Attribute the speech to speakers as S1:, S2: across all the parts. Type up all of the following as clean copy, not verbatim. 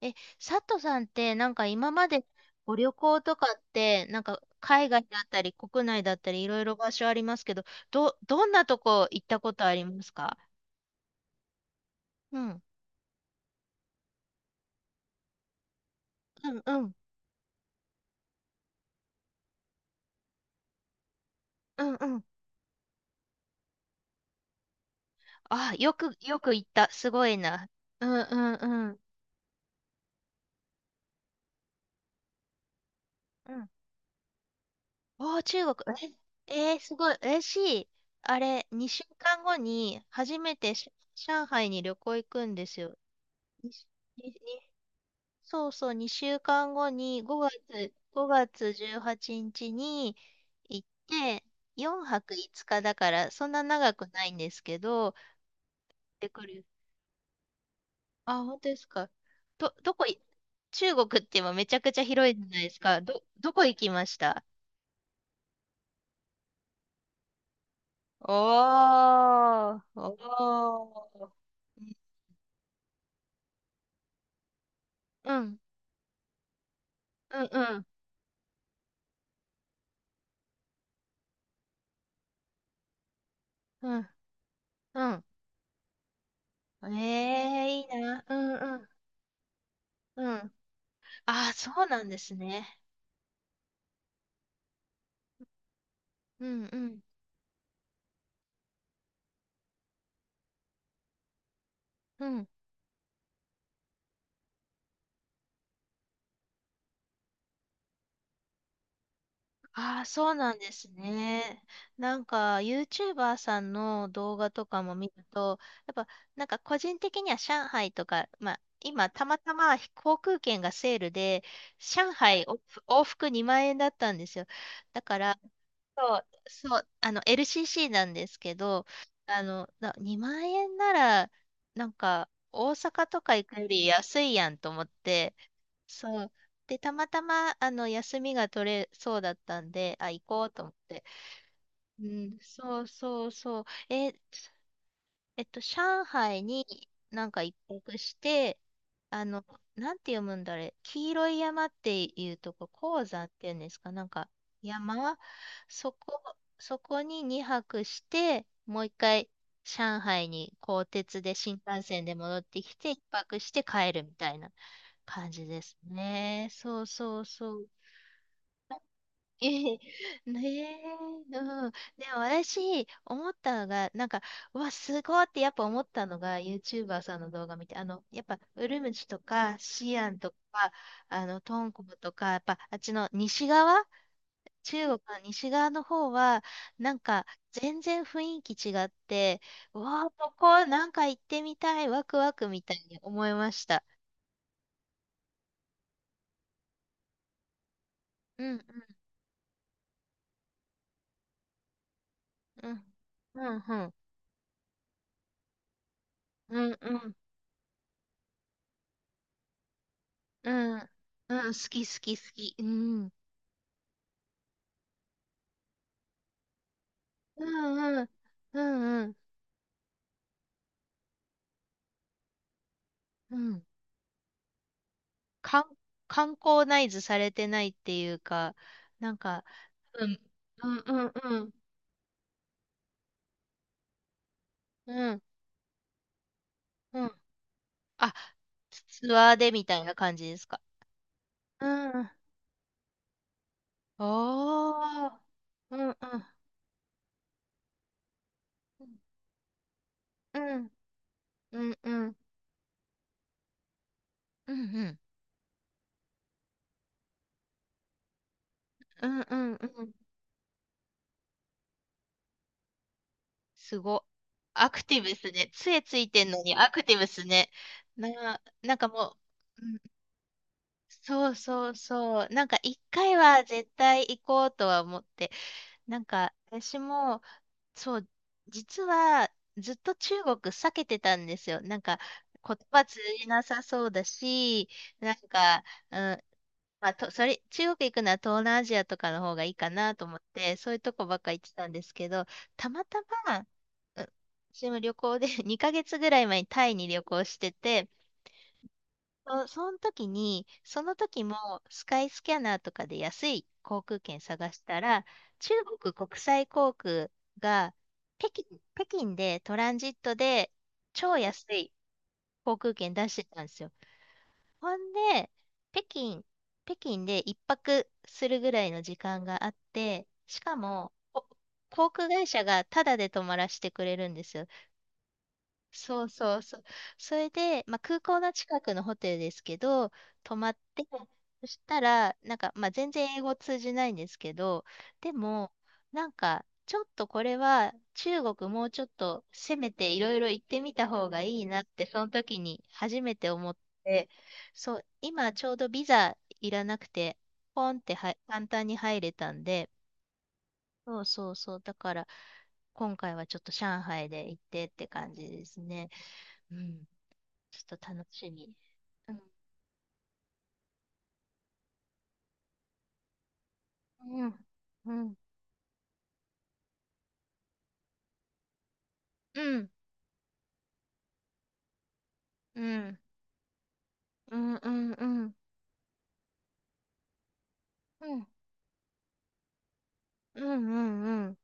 S1: え、佐藤さんって今までご旅行とかって海外だったり国内だったりいろいろ場所ありますけど、どんなとこ行ったことありますか？うん。うんうん。うんうん。あ、よく、よく行った。すごいな。うんうんうん。うん。おー、中国。え、えーすごい。嬉しい。あれ、2週間後に初めてし上海に旅行行くんですよ。ににそうそう、2週間後に5月18日にちに行って、4泊5日だから、そんな長くないんですけど、で、これ、あ、本当ですか。ど、どこい、中国って今めちゃくちゃ広いじゃないですか。どこ行きました？おー、おー。うん、うん、うん、うん、うん。ええーいいな。うん、うん、うん。ああ、そうなんですね。うん、うん、うん。ああ、そうなんですね。なんか、YouTuber さんの動画とかも見ると、やっぱ、なんか個人的には上海とか、まあ、今、たまたま航空券がセールで、上海往復2万円だったんですよ。だから、そう、そう、あの、LCC なんですけど、あの、2万円なら、なんか、大阪とか行くより安いやんと思って、そう。で、たまたま、あの、休みが取れそうだったんで、あ、行こうと思って。うん、そうそうそう。えっと、上海になんか一泊して、あの、なんて読むんだあれ、黄色い山っていうとこ、黄山っていうんですか、なんか山、そこ、そこに2泊して、もう1回上海に鋼鉄で新幹線で戻ってきて、一泊して帰るみたいな感じですね。そうそうそう。ええ ねえ、うん。でも私、思ったのが、なんか、うわ、すごいってやっぱ思ったのが、YouTuber さんの動画見て、あの、やっぱ、ウルムチとか、シアンとか、あの、トンコムとか、やっぱ、あっちの西側、中国の西側の方は、なんか、全然雰囲気違って、うわあ、ここ、なんか行ってみたい、ワクワクみたいに思いました。うん、うん、うん、うん、うん、うん、うん、うん、うん、好き好き好き。うん、うん、うん、うん、うん、うん。観観光ナイズされてないっていうか、なんか、うん、うん、うん、うん、うん、うん。あ、ツアーでみたいな感じですか？うん。おー。うん、うん、うん、うん、うん、うん、うん、うん、うん、うん。すご。アクティブっすね。杖ついてんのにアクティブっすね。な、なんかもう、そうそうそう。なんか一回は絶対行こうとは思って。なんか私も、そう、実はずっと中国避けてたんですよ。なんか言葉通じなさそうだし、なんか、うん、まあ、と、それ、中国行くなら東南アジアとかの方がいいかなと思って、そういうとこばっか行ってたんですけど、たまたま、うん私も旅行で 2ヶ月ぐらい前にタイに旅行してて、その時に、その時もスカイスキャナーとかで安い航空券探したら、中国国際航空が北京、北京でトランジットで超安い航空券出してたんですよ。ほんで、北京、北京で一泊するぐらいの時間があって、しかも、航空会社がタダで泊まらせてくれるんですよ。そうそうそう。それで、まあ、空港の近くのホテルですけど、泊まって、そしたら、なんか、まあ、全然英語通じないんですけど、でも、なんか、ちょっとこれは中国もうちょっと攻めていろいろ行ってみた方がいいなって、その時に初めて思って、そう、今ちょうどビザいらなくて、ポンっては簡単に入れたんで、そうそうそう、だから、今回はちょっと上海で行ってって感じですね。うんちょっと楽しみ。うん。うん、うん、うん、うん、うん、うん、うん、うん、うん、うんうんうんうんうんうんうんうん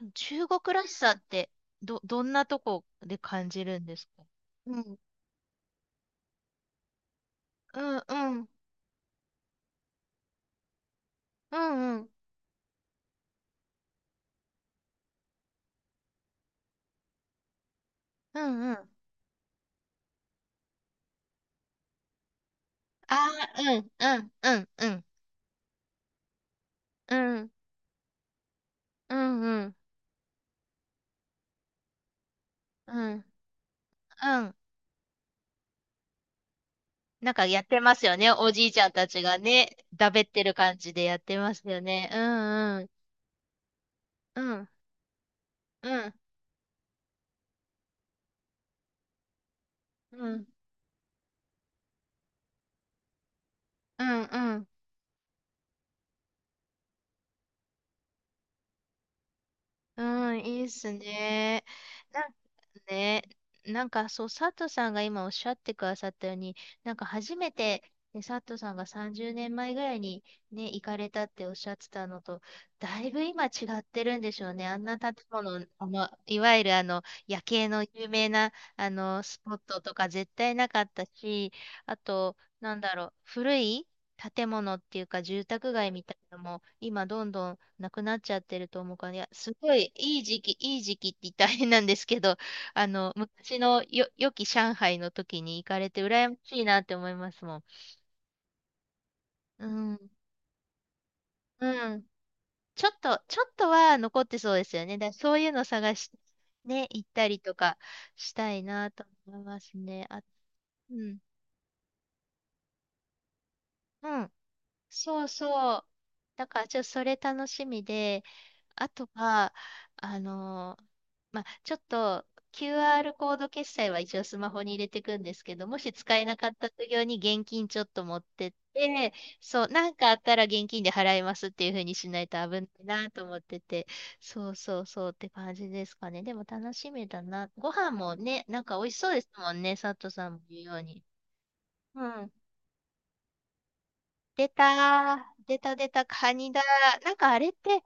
S1: うんうんうん中国らしさってどんなとこで感じるんですか？うん、うん、うん、うん、うん、うん、うん。ああ、うん、うん、うん、うん、うん、うん、うん、うん。うん。なんかやってますよね。おじいちゃんたちがね、だべってる感じでやってますよね。うん、うん、うん、うん、うん、うん、うん、うん、いいっすね。ね、なんかそう、佐藤さんが今おっしゃってくださったように、なんか初めて、ね、佐藤さんが30年前ぐらいにね、行かれたっておっしゃってたのと、だいぶ今違ってるんでしょうね。あんな建物、あの、いわゆるあの、夜景の有名な、あの、スポットとか絶対なかったし、あと、なんだろう、古い建物っていうか住宅街みたいなのも今どんどんなくなっちゃってると思うから、いや、すごいいい時期、いい時期って言ったら変なんですけど、あの、昔のよ、良き上海の時に行かれて羨ましいなって思いますもん。うん。うん。ちょっと、ちょっとは残ってそうですよね。だからそういうの探して、ね、行ったりとかしたいなと思いますね。あ、うん。うん。そうそう。だから、ちょっとそれ楽しみで、あとは、あのーまあ、ちょっと QR コード決済は一応スマホに入れていくんですけど、もし使えなかった時用に現金ちょっと持ってって、そう、なんかあったら現金で払いますっていう風にしないと危ないなと思ってて、そうそうそうって感じですかね。でも楽しみだな。ご飯もね、なんか美味しそうですもんね、佐藤さんも言うように。うん。出たー。出た出た、カニだ。なんかあれって、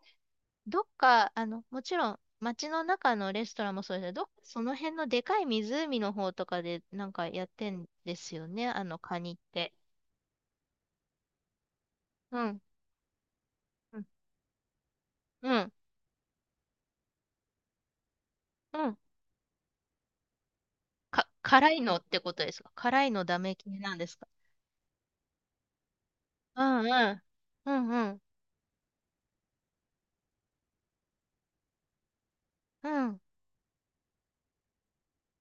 S1: どっか、あの、もちろん、街の中のレストランもそうですけど、どっかその辺のでかい湖の方とかでなんかやってんですよね、あのカニって。うん、うん、うん、うん。辛いのってことですか？辛いのダメ系なんですか？うん、うん、うん、うん、うん。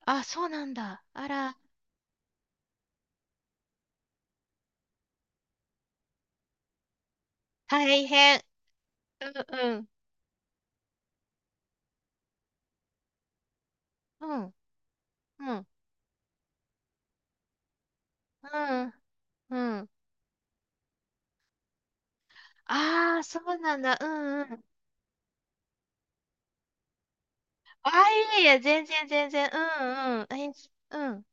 S1: あ、そうなんだ。あら、大変。うん、うん、うん、うん、うん。うん。ああ、そうなんだ。うんうん。ああ、いやいや、全然全然。うんうん。え、うん。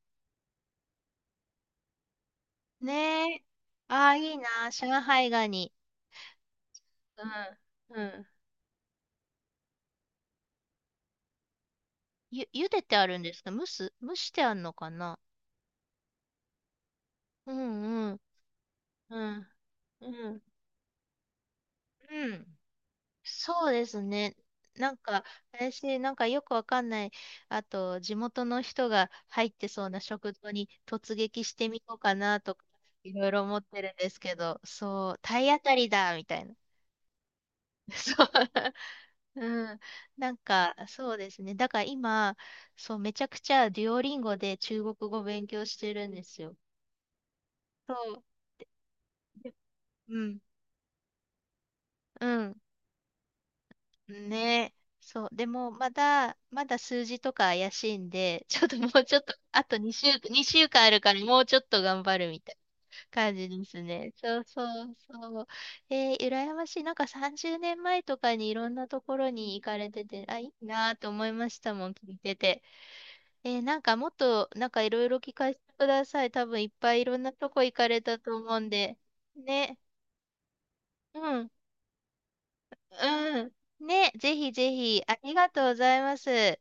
S1: ねえ。ああ、いいな。上海ガニ。うん。うん。茹でてあるんですか？蒸してあるのかな？うんうん。うん。うん。うん。そうですね。なんか、私、なんかよくわかんない、あと、地元の人が入ってそうな食堂に突撃してみようかなとか、いろいろ思ってるんですけど、そう、体当たりだみたいな。そう。うん。なんか、そうですね。だから今、そう、めちゃくちゃデュオリンゴで中国語勉強してるんですよ。そう。うん。うん。ね。そう。でも、まだ、まだ数字とか怪しいんで、ちょっともうちょっと、あと2週、2週間あるからもうちょっと頑張るみたいな感じですね。そうそうそう。えー、羨ましい。なんか30年前とかにいろんなところに行かれてて、あ、いいなと思いましたもん、聞いてて。えーなんかもっと、なんかいろいろ聞かせてください。多分いっぱいいろんなとこ行かれたと思うんで。ね。うん。うん。ね。ぜひぜひ、ありがとうございます。